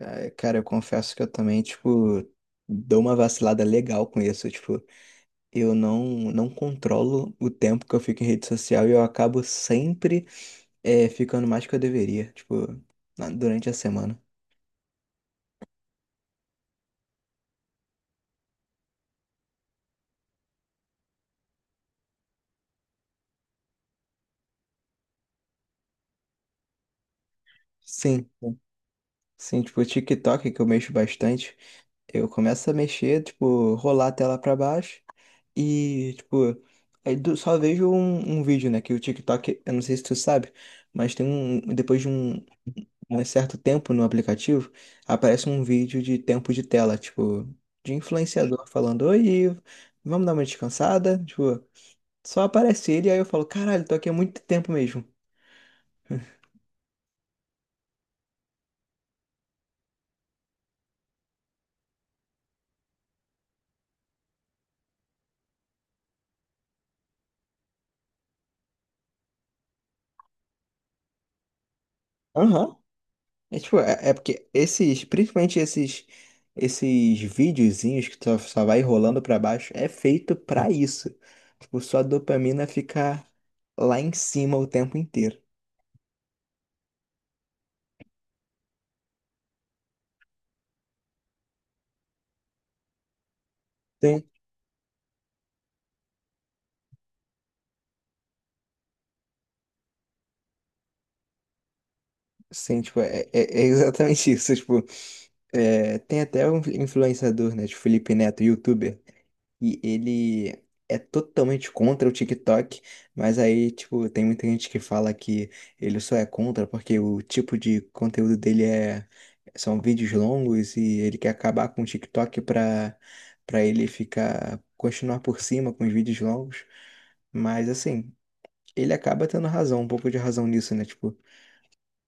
Ah, cara, eu confesso que eu também, tipo, dou uma vacilada legal com isso. Tipo, eu não controlo o tempo que eu fico em rede social e eu acabo sempre ficando mais que eu deveria, tipo, durante a semana. Sim, sim, tipo, o TikTok que eu mexo bastante, eu começo a mexer, tipo, rolar a tela pra baixo e, tipo, só vejo um vídeo, né? Que o TikTok, eu não sei se tu sabe, mas tem um, depois de um certo tempo no aplicativo, aparece um vídeo de tempo de tela, tipo, de influenciador falando, oi, vamos dar uma descansada? Tipo, só aparece ele, aí eu falo, caralho, tô aqui há muito tempo mesmo. Aham. É tipo, é porque esses, principalmente esses videozinhos que só vai rolando pra baixo, é feito pra isso. Tipo, sua dopamina ficar lá em cima o tempo inteiro. Sim, sim, tipo, é exatamente isso, tipo. É, tem até um influenciador, né, de Felipe Neto, youtuber, e ele é totalmente contra o TikTok, mas aí, tipo, tem muita gente que fala que ele só é contra porque o tipo de conteúdo dele é são vídeos longos e ele quer acabar com o TikTok pra para ele ficar continuar por cima com os vídeos longos. Mas assim, ele acaba tendo razão, um pouco de razão nisso, né? Tipo,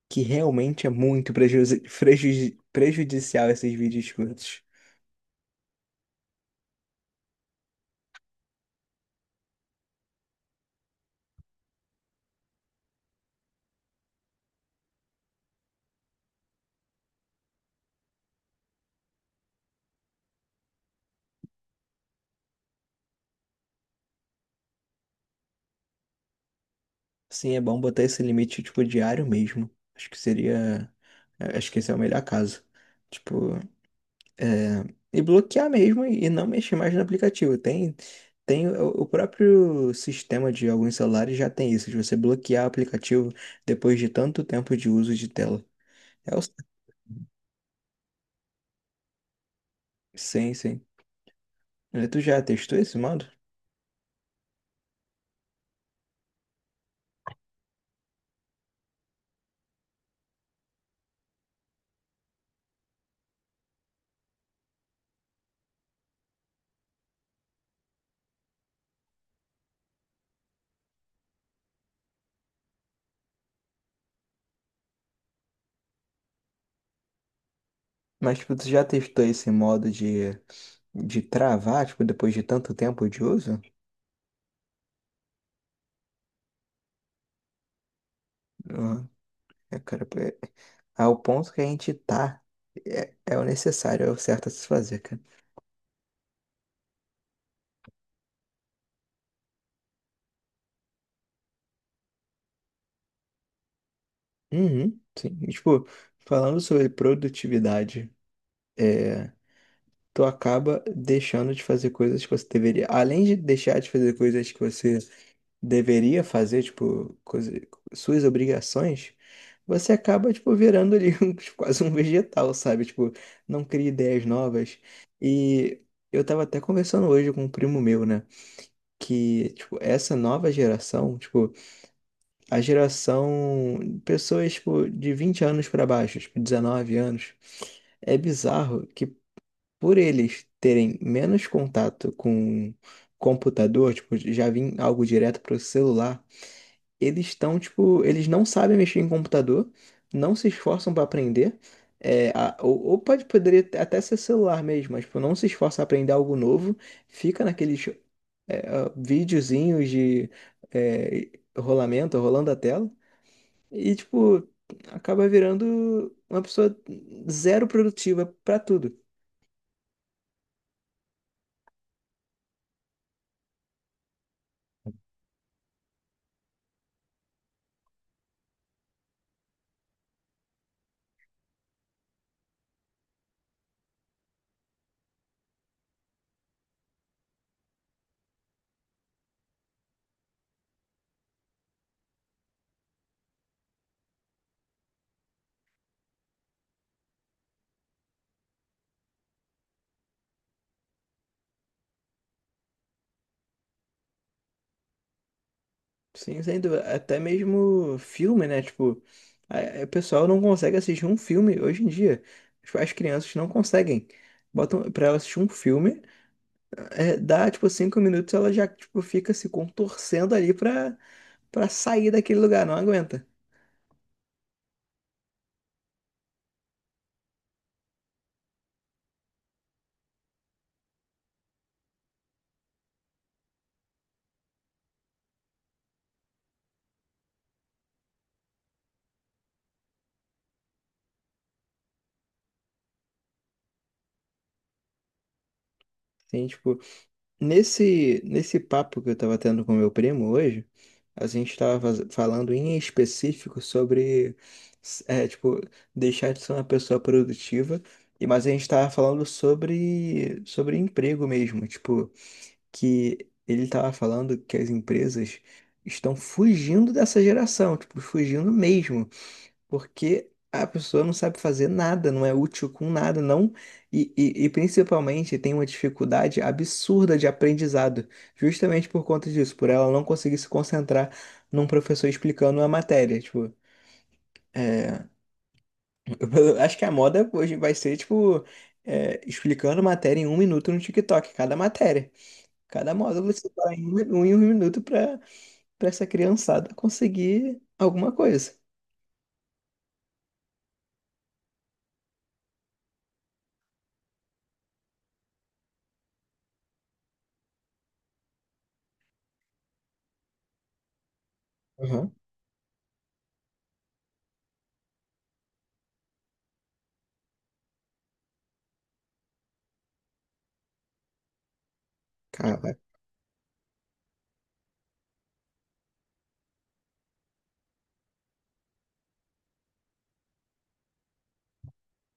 que realmente é muito prejudicial esses vídeos curtos. Sim, é bom botar esse limite, tipo, diário mesmo. Acho que seria. É, acho que esse é o melhor caso. Tipo, e bloquear mesmo e não mexer mais no aplicativo. Tem o próprio sistema de alguns celulares já tem isso, de você bloquear o aplicativo depois de tanto tempo de uso de tela. É o... Sim, sim. Tu já testou esse modo? Mas, tipo, tu já testou esse modo de travar, tipo, depois de tanto tempo de uso? É, cara, é, ao ponto que a gente tá, é o necessário, é o certo a se fazer, cara. Uhum, sim. E, tipo, falando sobre produtividade, é, tu acaba deixando de fazer coisas que você deveria. Além de deixar de fazer coisas que você deveria fazer, tipo, coisa, suas obrigações, você acaba, tipo, virando ali tipo, quase um vegetal, sabe? Tipo, não cria ideias novas. E eu tava até conversando hoje com um primo meu, né? Que, tipo, essa nova geração, tipo, a geração pessoas, tipo, de 20 anos para baixo, tipo, 19 anos, é bizarro que por eles terem menos contato com computador, tipo, já vim algo direto pro celular, eles estão, tipo, eles não sabem mexer em computador, não se esforçam para aprender. É, ou poderia até ser celular mesmo, mas tipo, não se esforça a aprender algo novo, fica naqueles videozinhos de eh, rolamento, rolando a tela, e, tipo, acaba virando uma pessoa zero produtiva pra tudo. Sim, sem dúvida. Até mesmo filme, né? Tipo, o pessoal não consegue assistir um filme hoje em dia. Tipo, as crianças não conseguem. Botam pra ela assistir um filme, dá tipo cinco minutos, ela já tipo, fica se contorcendo ali pra, pra sair daquele lugar, não aguenta. Sim, tipo. Nesse papo que eu estava tendo com meu primo hoje, a gente estava falando em específico sobre, é, tipo, deixar de ser uma pessoa produtiva, e mas a gente estava falando sobre emprego mesmo, tipo, que ele estava falando que as empresas estão fugindo dessa geração, tipo, fugindo mesmo. Porque a pessoa não sabe fazer nada, não é útil com nada, não. Principalmente tem uma dificuldade absurda de aprendizado, justamente por conta disso, por ela não conseguir se concentrar num professor explicando a matéria. Tipo, acho que a moda hoje vai ser, tipo, é, explicando matéria em um minuto no TikTok, cada matéria. Cada módulo você vai em um em um minuto para para essa criançada conseguir alguma coisa. Uhum. Cara,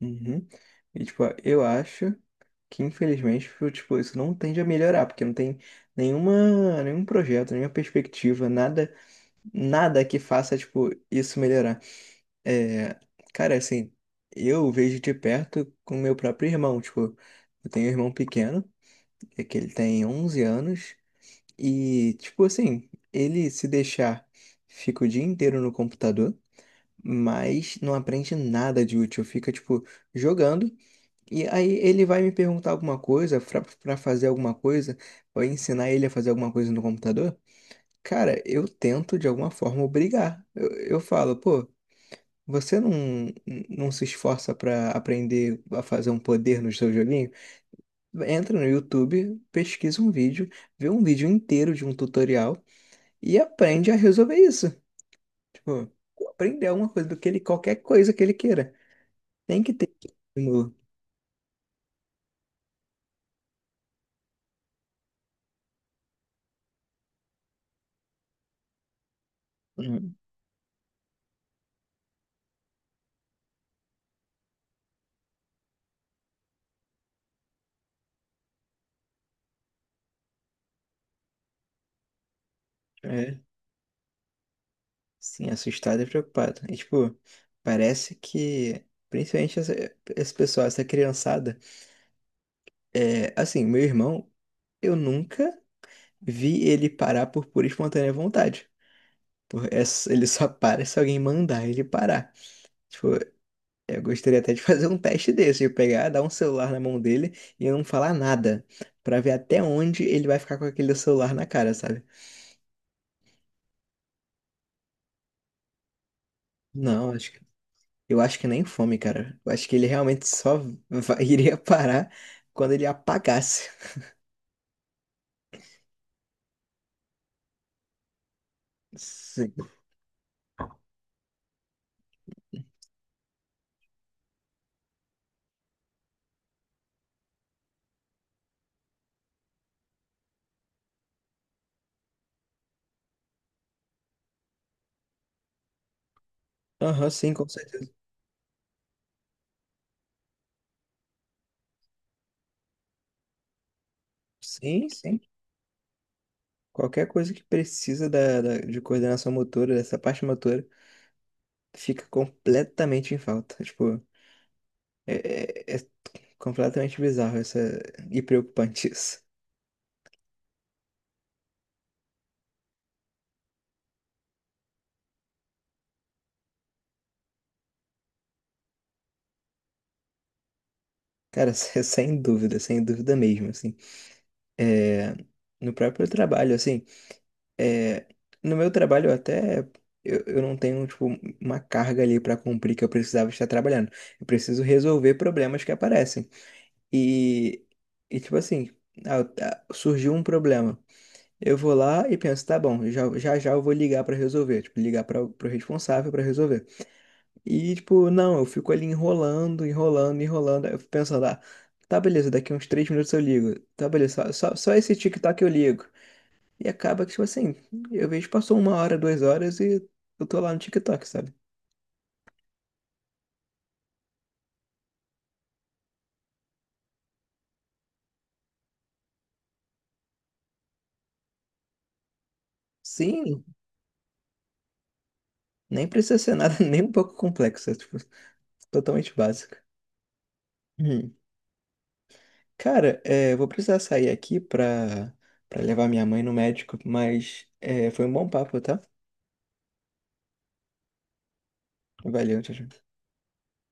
uhum. E, tipo, eu acho que, infelizmente, tipo, isso não tende a melhorar, porque não tem nenhum projeto, nenhuma perspectiva, nada, nada que faça, tipo, isso melhorar. É, cara, assim, eu vejo de perto com meu próprio irmão, tipo, eu tenho um irmão pequeno, é que ele tem 11 anos, e, tipo, assim, ele se deixar, fica o dia inteiro no computador, mas não aprende nada de útil, fica, tipo, jogando e aí ele vai me perguntar alguma coisa, pra fazer alguma coisa, ou ensinar ele a fazer alguma coisa no computador. Cara, eu tento de alguma forma obrigar. Eu falo, pô, você não se esforça pra aprender a fazer um poder no seu joguinho? Entra no YouTube, pesquisa um vídeo, vê um vídeo inteiro de um tutorial e aprende a resolver isso. Tipo, aprender alguma coisa do que ele, qualquer coisa que ele queira. Tem que ter estímulo. Uhum. É. Sim, assustado e preocupado. E, tipo, parece que, principalmente esse pessoal, essa criançada, é, assim, meu irmão, eu nunca vi ele parar por pura e espontânea vontade. Por, ele só para se alguém mandar ele parar. Tipo, eu gostaria até de fazer um teste desse, de pegar, dar um celular na mão dele e eu não falar nada, pra ver até onde ele vai ficar com aquele celular na cara, sabe? Não, acho. Eu acho que nem fome, cara. Eu acho que ele realmente só iria parar quando ele apagasse. Sim. Aham, sim, com certeza. Sim, sim. Qualquer coisa que precisa de coordenação motora, dessa parte motora, fica completamente em falta. Tipo, é, é completamente bizarro essa, e preocupante isso. Cara, sem dúvida, sem dúvida mesmo, assim. É, no próprio trabalho, assim. É, no meu trabalho eu até eu não tenho tipo uma carga ali para cumprir que eu precisava estar trabalhando. Eu preciso resolver problemas que aparecem. E, e tipo assim, ah, ah, surgiu um problema. Eu vou lá e penso, tá bom, já eu vou ligar para resolver, tipo, ligar para o responsável para resolver. E tipo, não, eu fico ali enrolando, eu fico pensando, ah, tá beleza, daqui uns três minutos eu ligo. Tá beleza, só esse tic-tac eu ligo. E acaba que, tipo assim, eu vejo passou uma hora, duas horas e eu tô lá no TikTok, sabe? Sim, nem precisa ser nada nem um pouco complexo, é, tipo, totalmente básico. Hum. Cara, é, eu vou precisar sair aqui pra, pra levar minha mãe no médico, mas é, foi um bom papo, tá? Valeu, tchau, tchau.